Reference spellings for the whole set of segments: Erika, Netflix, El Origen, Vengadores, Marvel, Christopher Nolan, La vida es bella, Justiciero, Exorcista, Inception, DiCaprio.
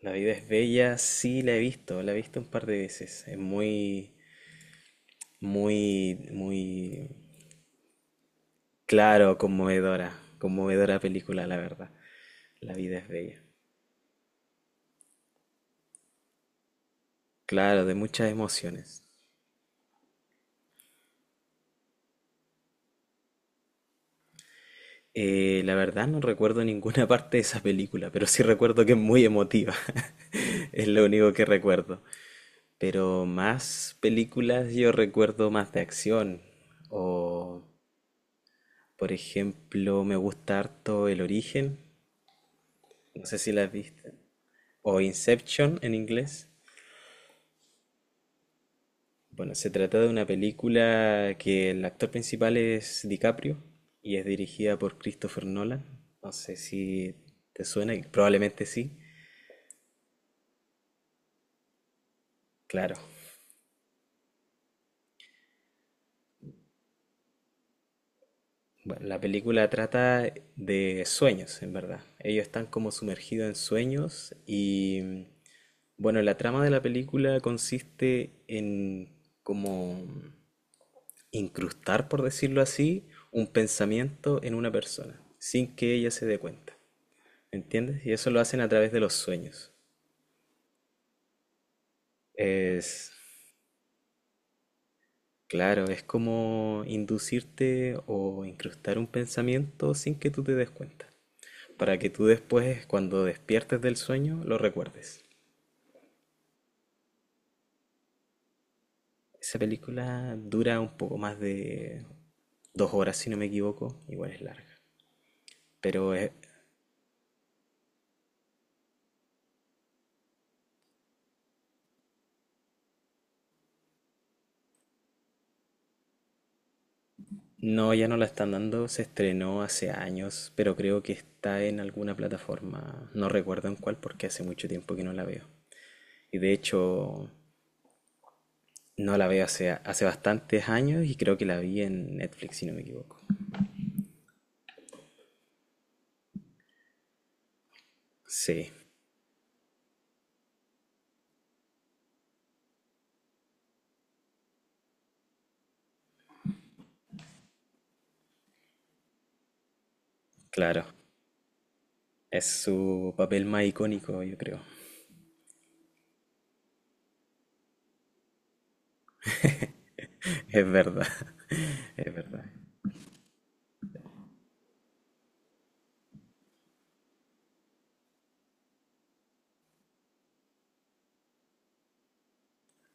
La vida es bella, sí la he visto un par de veces. Es muy, muy, muy, claro, conmovedora, conmovedora película, la verdad. La vida es bella. Claro, de muchas emociones. La verdad no recuerdo ninguna parte de esa película, pero sí recuerdo que es muy emotiva. Es lo único que recuerdo. Pero más películas yo recuerdo más de acción. O, por ejemplo, me gusta harto El Origen. No sé si la has visto, o Inception en inglés. Bueno, se trata de una película que el actor principal es DiCaprio y es dirigida por Christopher Nolan. No sé si te suena, y probablemente sí, claro. Bueno, la película trata de sueños, en verdad. Ellos están como sumergidos en sueños y bueno, la trama de la película consiste en como incrustar, por decirlo así, un pensamiento en una persona, sin que ella se dé cuenta. ¿Entiendes? Y eso lo hacen a través de los sueños. Es, claro, es como inducirte o incrustar un pensamiento sin que tú te des cuenta, para que tú después, cuando despiertes del sueño, lo recuerdes. Esa película dura un poco más de 2 horas, si no me equivoco, igual es larga. Pero es- no, ya no la están dando, se estrenó hace años, pero creo que está en alguna plataforma, no recuerdo en cuál porque hace mucho tiempo que no la veo. Y de hecho, no la veo hace bastantes años y creo que la vi en Netflix, si no me equivoco. Sí, claro. Es su papel más icónico, yo creo. Es verdad. Es verdad.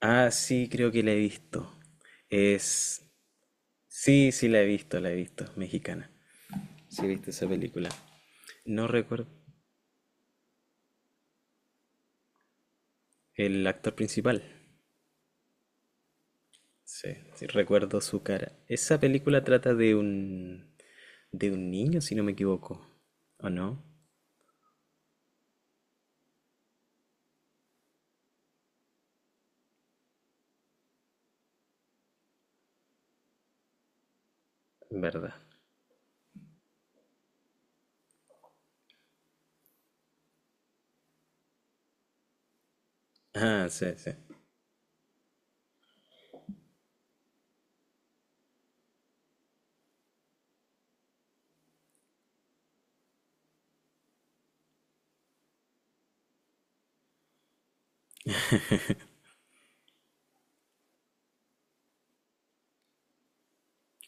Ah, sí, creo que la he visto. Es... Sí, sí, la he visto, la he visto. Mexicana. Sí, he visto esa película. No recuerdo el actor principal. Sí, sí, recuerdo su cara. Esa película trata de un niño, si no me equivoco. ¿O no? ¿Verdad? Ah, sí, sí.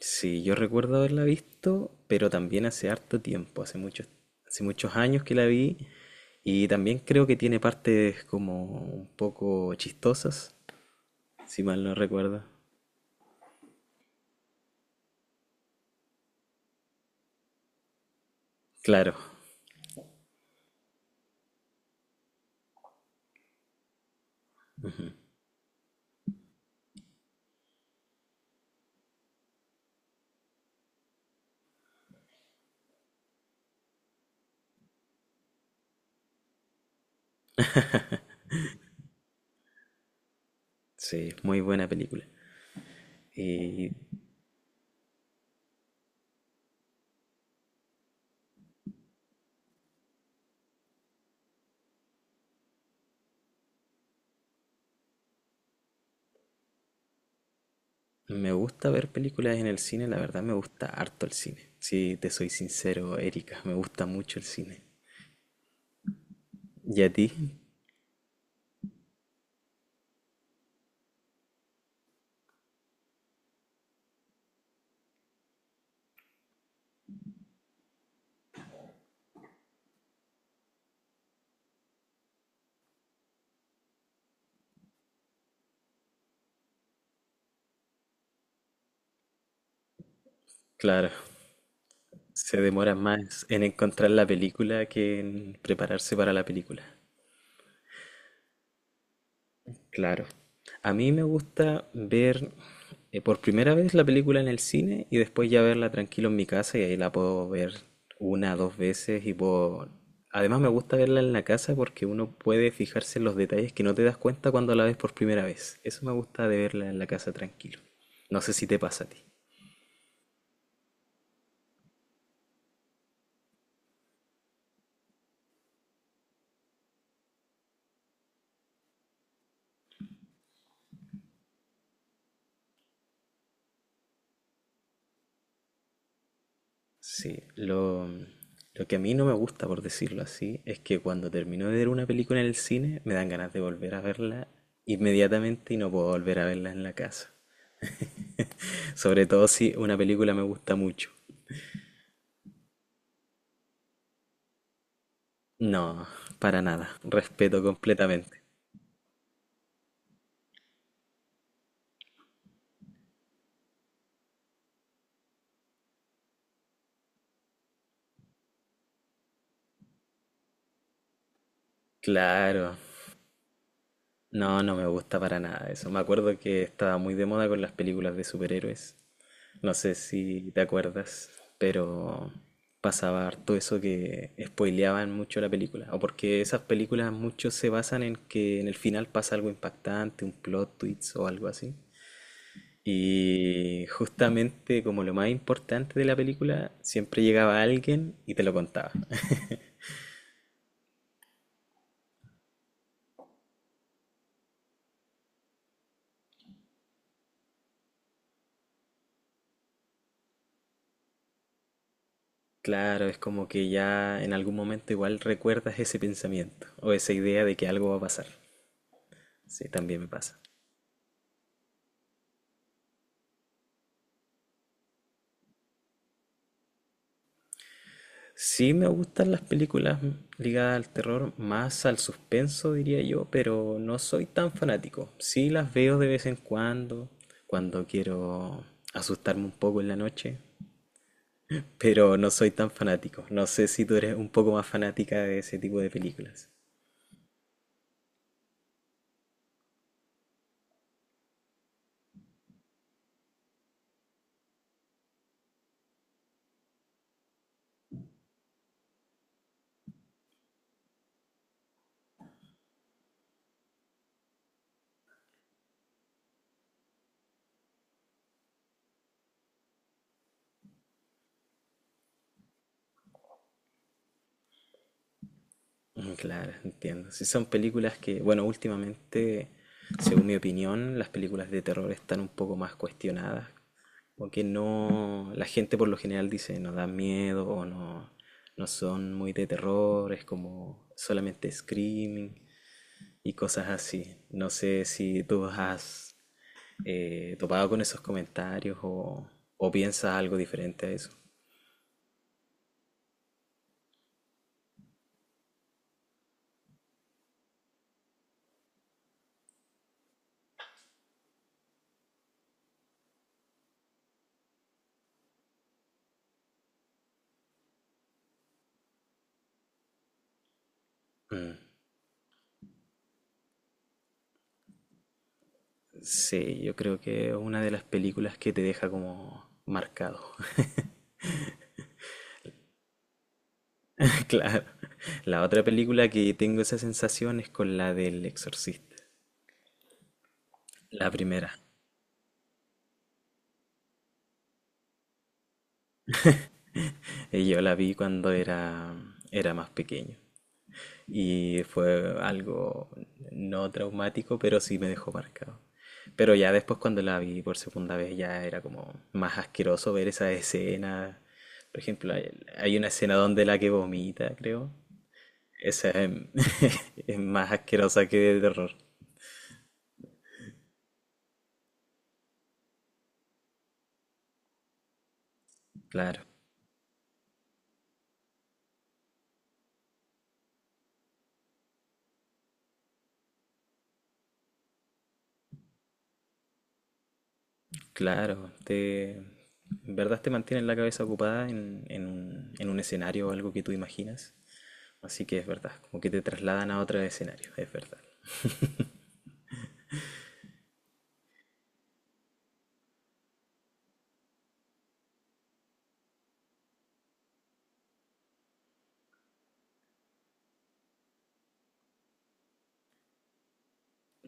Sí, yo recuerdo haberla visto, pero también hace harto tiempo, hace muchos años que la vi y también creo que tiene partes como un poco chistosas, si mal no recuerdo. Claro, sí, muy buena película. Y me gusta ver películas en el cine, la verdad me gusta harto el cine. Si te soy sincero, Erika, me gusta mucho el cine. ¿Y a ti? Claro, se demora más en encontrar la película que en prepararse para la película. Claro. A mí me gusta ver por primera vez la película en el cine y después ya verla tranquilo en mi casa y ahí la puedo ver una, dos veces y puedo... Además me gusta verla en la casa porque uno puede fijarse en los detalles que no te das cuenta cuando la ves por primera vez. Eso me gusta de verla en la casa tranquilo. No sé si te pasa a ti. Sí, lo que a mí no me gusta, por decirlo así, es que cuando termino de ver una película en el cine, me dan ganas de volver a verla inmediatamente y no puedo volver a verla en la casa. Sobre todo si una película me gusta mucho. No, para nada. Respeto completamente. Claro. No, no me gusta para nada eso. Me acuerdo que estaba muy de moda con las películas de superhéroes. No sé si te acuerdas, pero pasaba harto eso que spoileaban mucho la película. O porque esas películas mucho se basan en que en el final pasa algo impactante, un plot twist o algo así. Y justamente como lo más importante de la película, siempre llegaba alguien y te lo contaba. Claro, es como que ya en algún momento igual recuerdas ese pensamiento o esa idea de que algo va a pasar. Sí, también me pasa. Sí me gustan las películas ligadas al terror, más al suspenso diría yo, pero no soy tan fanático. Sí las veo de vez en cuando, cuando quiero asustarme un poco en la noche, pero no soy tan fanático. No sé si tú eres un poco más fanática de ese tipo de películas. Mm, claro, entiendo. Si son películas que, bueno, últimamente, según mi opinión, las películas de terror están un poco más cuestionadas, porque no, la gente por lo general dice no dan miedo o no, no son muy de terror, es como solamente screaming y cosas así. No sé si tú has topado con esos comentarios o piensas algo diferente a eso. Mm, sí, yo creo que es una de las películas que te deja como marcado. Claro. La otra película que tengo esa sensación es con la del Exorcista, la primera. Y yo la vi cuando era, era más pequeño. Y fue algo no traumático, pero sí me dejó marcado. Pero ya después cuando la vi por segunda vez ya era como más asqueroso ver esa escena. Por ejemplo, hay una escena donde la que vomita, creo. Esa es, es más asquerosa que de terror. Claro, claro. En verdad te mantiene la cabeza ocupada en un escenario o algo que tú imaginas. Así que es verdad, como que te trasladan a otro escenario, es verdad.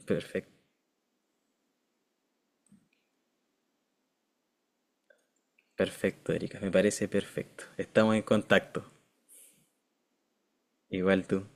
Perfecto, perfecto, Erika, me parece perfecto. Estamos en contacto. Igual tú.